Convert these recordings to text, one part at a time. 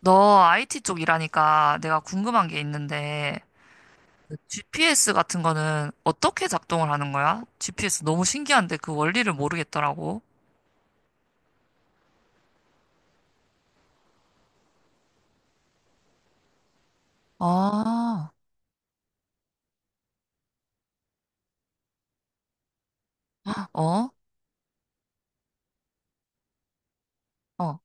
너 IT 쪽 일하니까 내가 궁금한 게 있는데, GPS 같은 거는 어떻게 작동을 하는 거야? GPS 너무 신기한데 그 원리를 모르겠더라고. 아, 어? 어,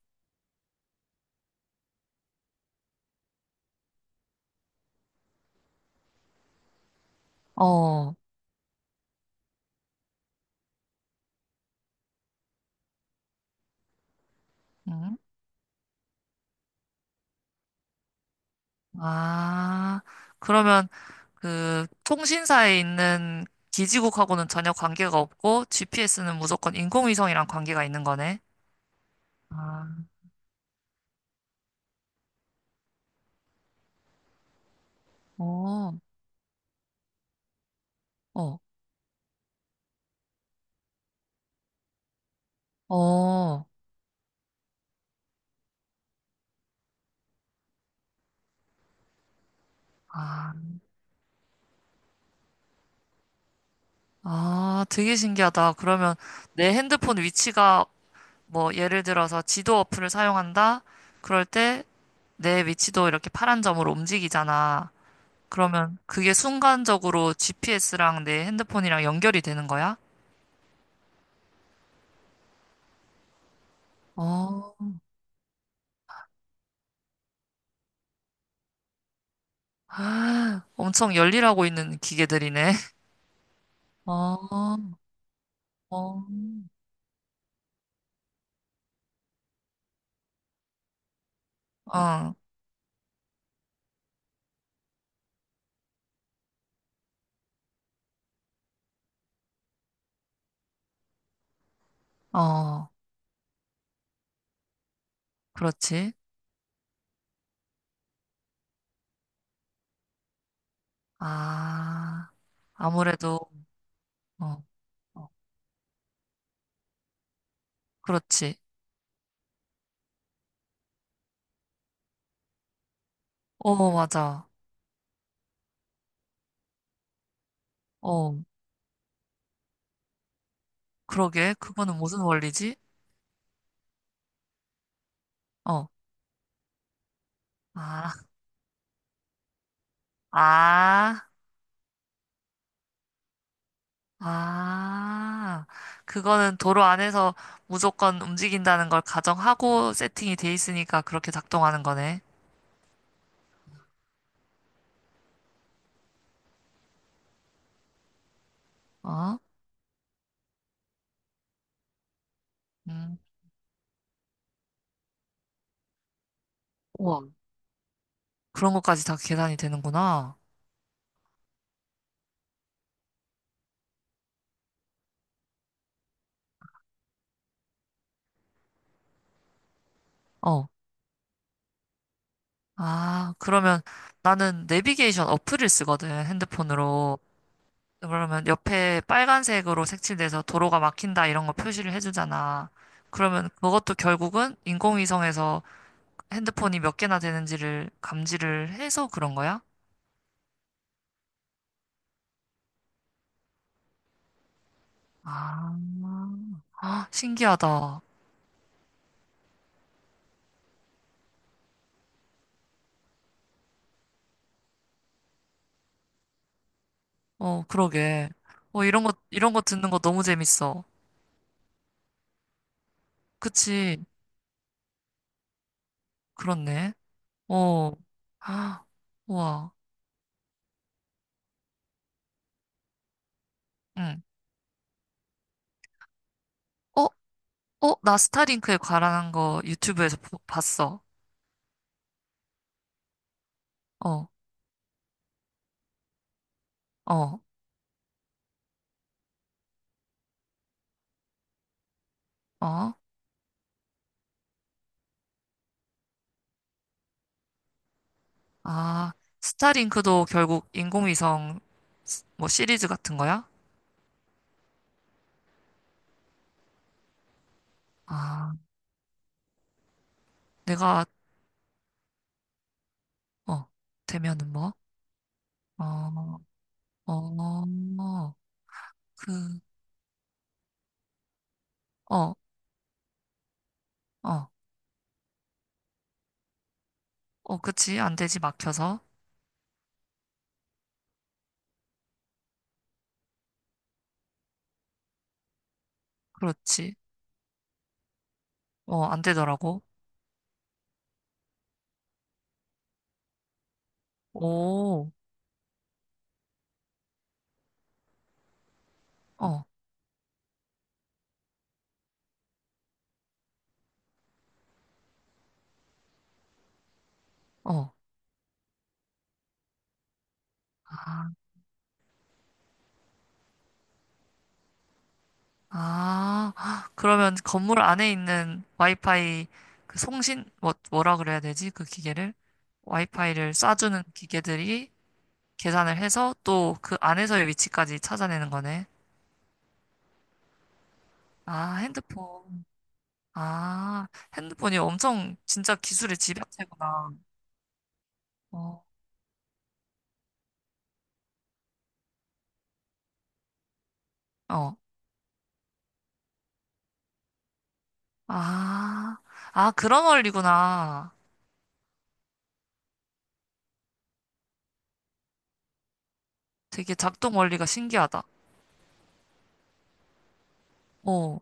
어, 응? 아, 그러면 그 통신사에 있는 기지국하고는 전혀 관계가 없고, GPS는 무조건 인공위성이랑 관계가 있는 거네. 아, 어, 어, 어, 아, 아, 되게 신기하다. 그러면 내 핸드폰 위치가 뭐 예를 들어서 지도 어플을 사용한다? 그럴 때 내 위치도 이렇게 파란 점으로 움직이잖아. 그러면 그게 순간적으로 GPS랑 내 핸드폰이랑 연결이 되는 거야? 어, 엄청 열일하고 있는 기계들이네. 어, 어, 어, 어, 그렇지. 아, 아무래도, 어, 어, 그렇지. 어, 맞아. 어. 그러게, 그거는 무슨 원리지? 어, 아, 아, 아. 그거는 도로 안에서 무조건 움직인다는 걸 가정하고 세팅이 돼 있으니까 그렇게 작동하는 거네. 어? 음, 우와. 그런 것까지 다 계산이 되는구나. 어, 아, 그러면 나는 내비게이션 어플을 쓰거든, 핸드폰으로. 그러면 옆에 빨간색으로 색칠돼서 도로가 막힌다 이런 거 표시를 해주잖아. 그러면 그것도 결국은 인공위성에서 핸드폰이 몇 개나 되는지를 감지를 해서 그런 거야? 아, 아, 신기하다. 어, 그러게. 어, 이런 거, 이런 거 듣는 거 너무 재밌어. 그치, 그렇네. 어, 아, 우와, 응. 어, 어, 나 스타링크에 관한 거 유튜브에서 봤어. 어, 어, 어, 아, 스타링크도 결국 인공위성 스- 뭐 시리즈 같은 거야? 아, 내가, 어, 되면은 뭐? 어, 어, 그, 어, 어, 어, 그치. 안 되지, 막혀서. 그렇지. 어, 안 되더라고. 오, 어, 어. 아, 아, 그러면 건물 안에 있는 와이파이, 그 송신, 뭐, 뭐라 그래야 되지? 그 기계를? 와이파이를 쏴주는 기계들이 계산을 해서 또 그 안에서의 위치까지 찾아내는 거네. 아, 핸드폰. 아, 핸드폰이 엄청 진짜 기술의 집약체구나. 어, 어. 아, 아, 그런 원리구나. 되게 작동 원리가 신기하다. 어,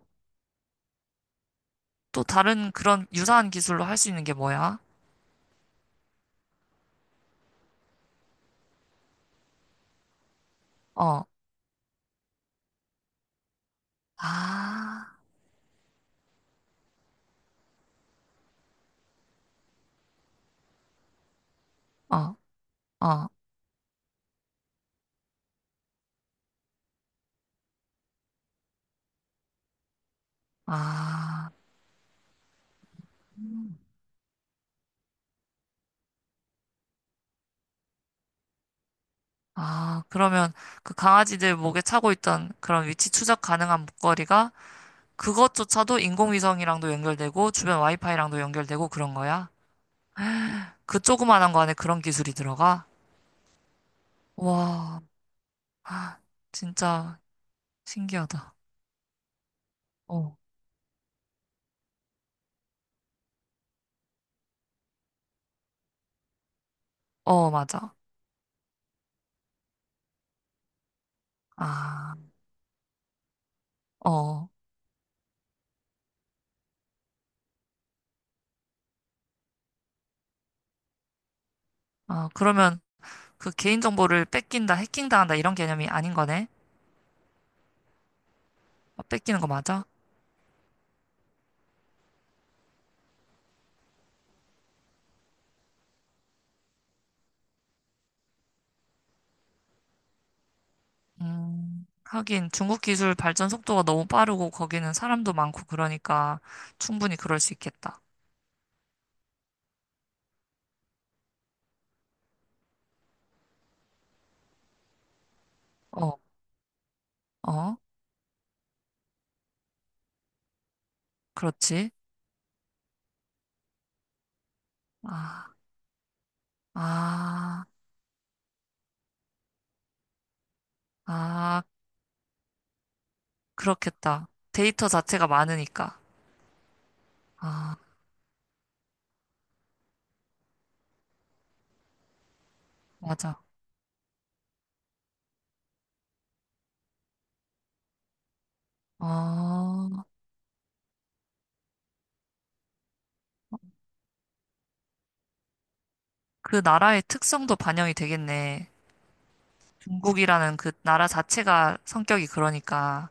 또 다른 그런 유사한 기술로 할 수 있는 게 뭐야? 어, 아, 어, 어, 아, 아, 그러면 그 강아지들 목에 차고 있던 그런 위치 추적 가능한 목걸이가 그것조차도 인공위성이랑도 연결되고 주변 와이파이랑도 연결되고 그런 거야? 그 조그만한 거 안에 그런 기술이 들어가? 와, 아, 진짜 신기하다. 어, 어, 맞아. 아. 어. 아, 그러면 그 개인정보를 뺏긴다, 해킹당한다 이런 개념이 아닌 거네? 아, 뺏기는 거 맞아? 하긴 중국 기술 발전 속도가 너무 빠르고 거기는 사람도 많고 그러니까 충분히 그럴 수 있겠다. 어, 어, 그렇지. 아, 아, 아, 그렇겠다. 데이터 자체가 많으니까. 아, 맞아. 어, 그 나라의 특성도 반영이 되겠네. 중국이라는 그 나라 자체가 성격이 그러니까.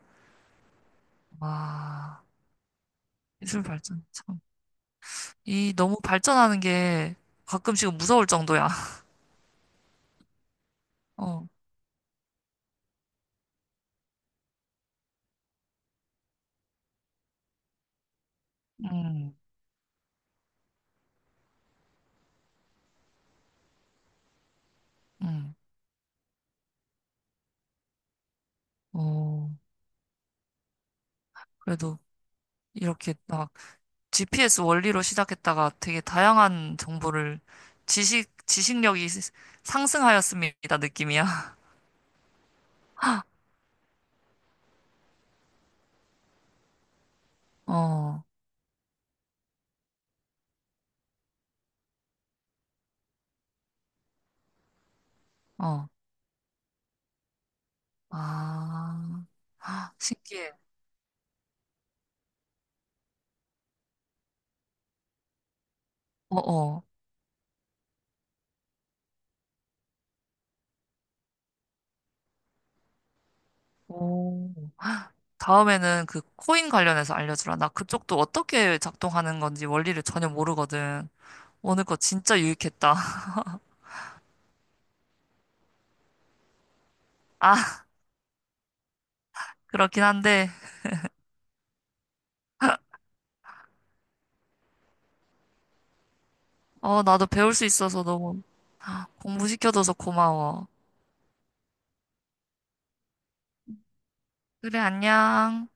와. 기술 발전 참. 이 너무 발전하는 게 가끔씩은 무서울 정도야. 어. 음. 음. 어. 그래도 이렇게 막 GPS 원리로 시작했다가 되게 다양한 정보를 지식 지식력이 상승하였습니다 느낌이야. 어. 어. 아. 아, 신기해. 어, 어. 오. 다음에는 그 코인 관련해서 알려주라. 나 그쪽도 어떻게 작동하는 건지 원리를 전혀 모르거든. 오늘 거 진짜 유익했다. 아, 그렇긴 한데, 어, 나도 배울 수 있어서 너무 공부시켜줘서 고마워. 그래, 안녕.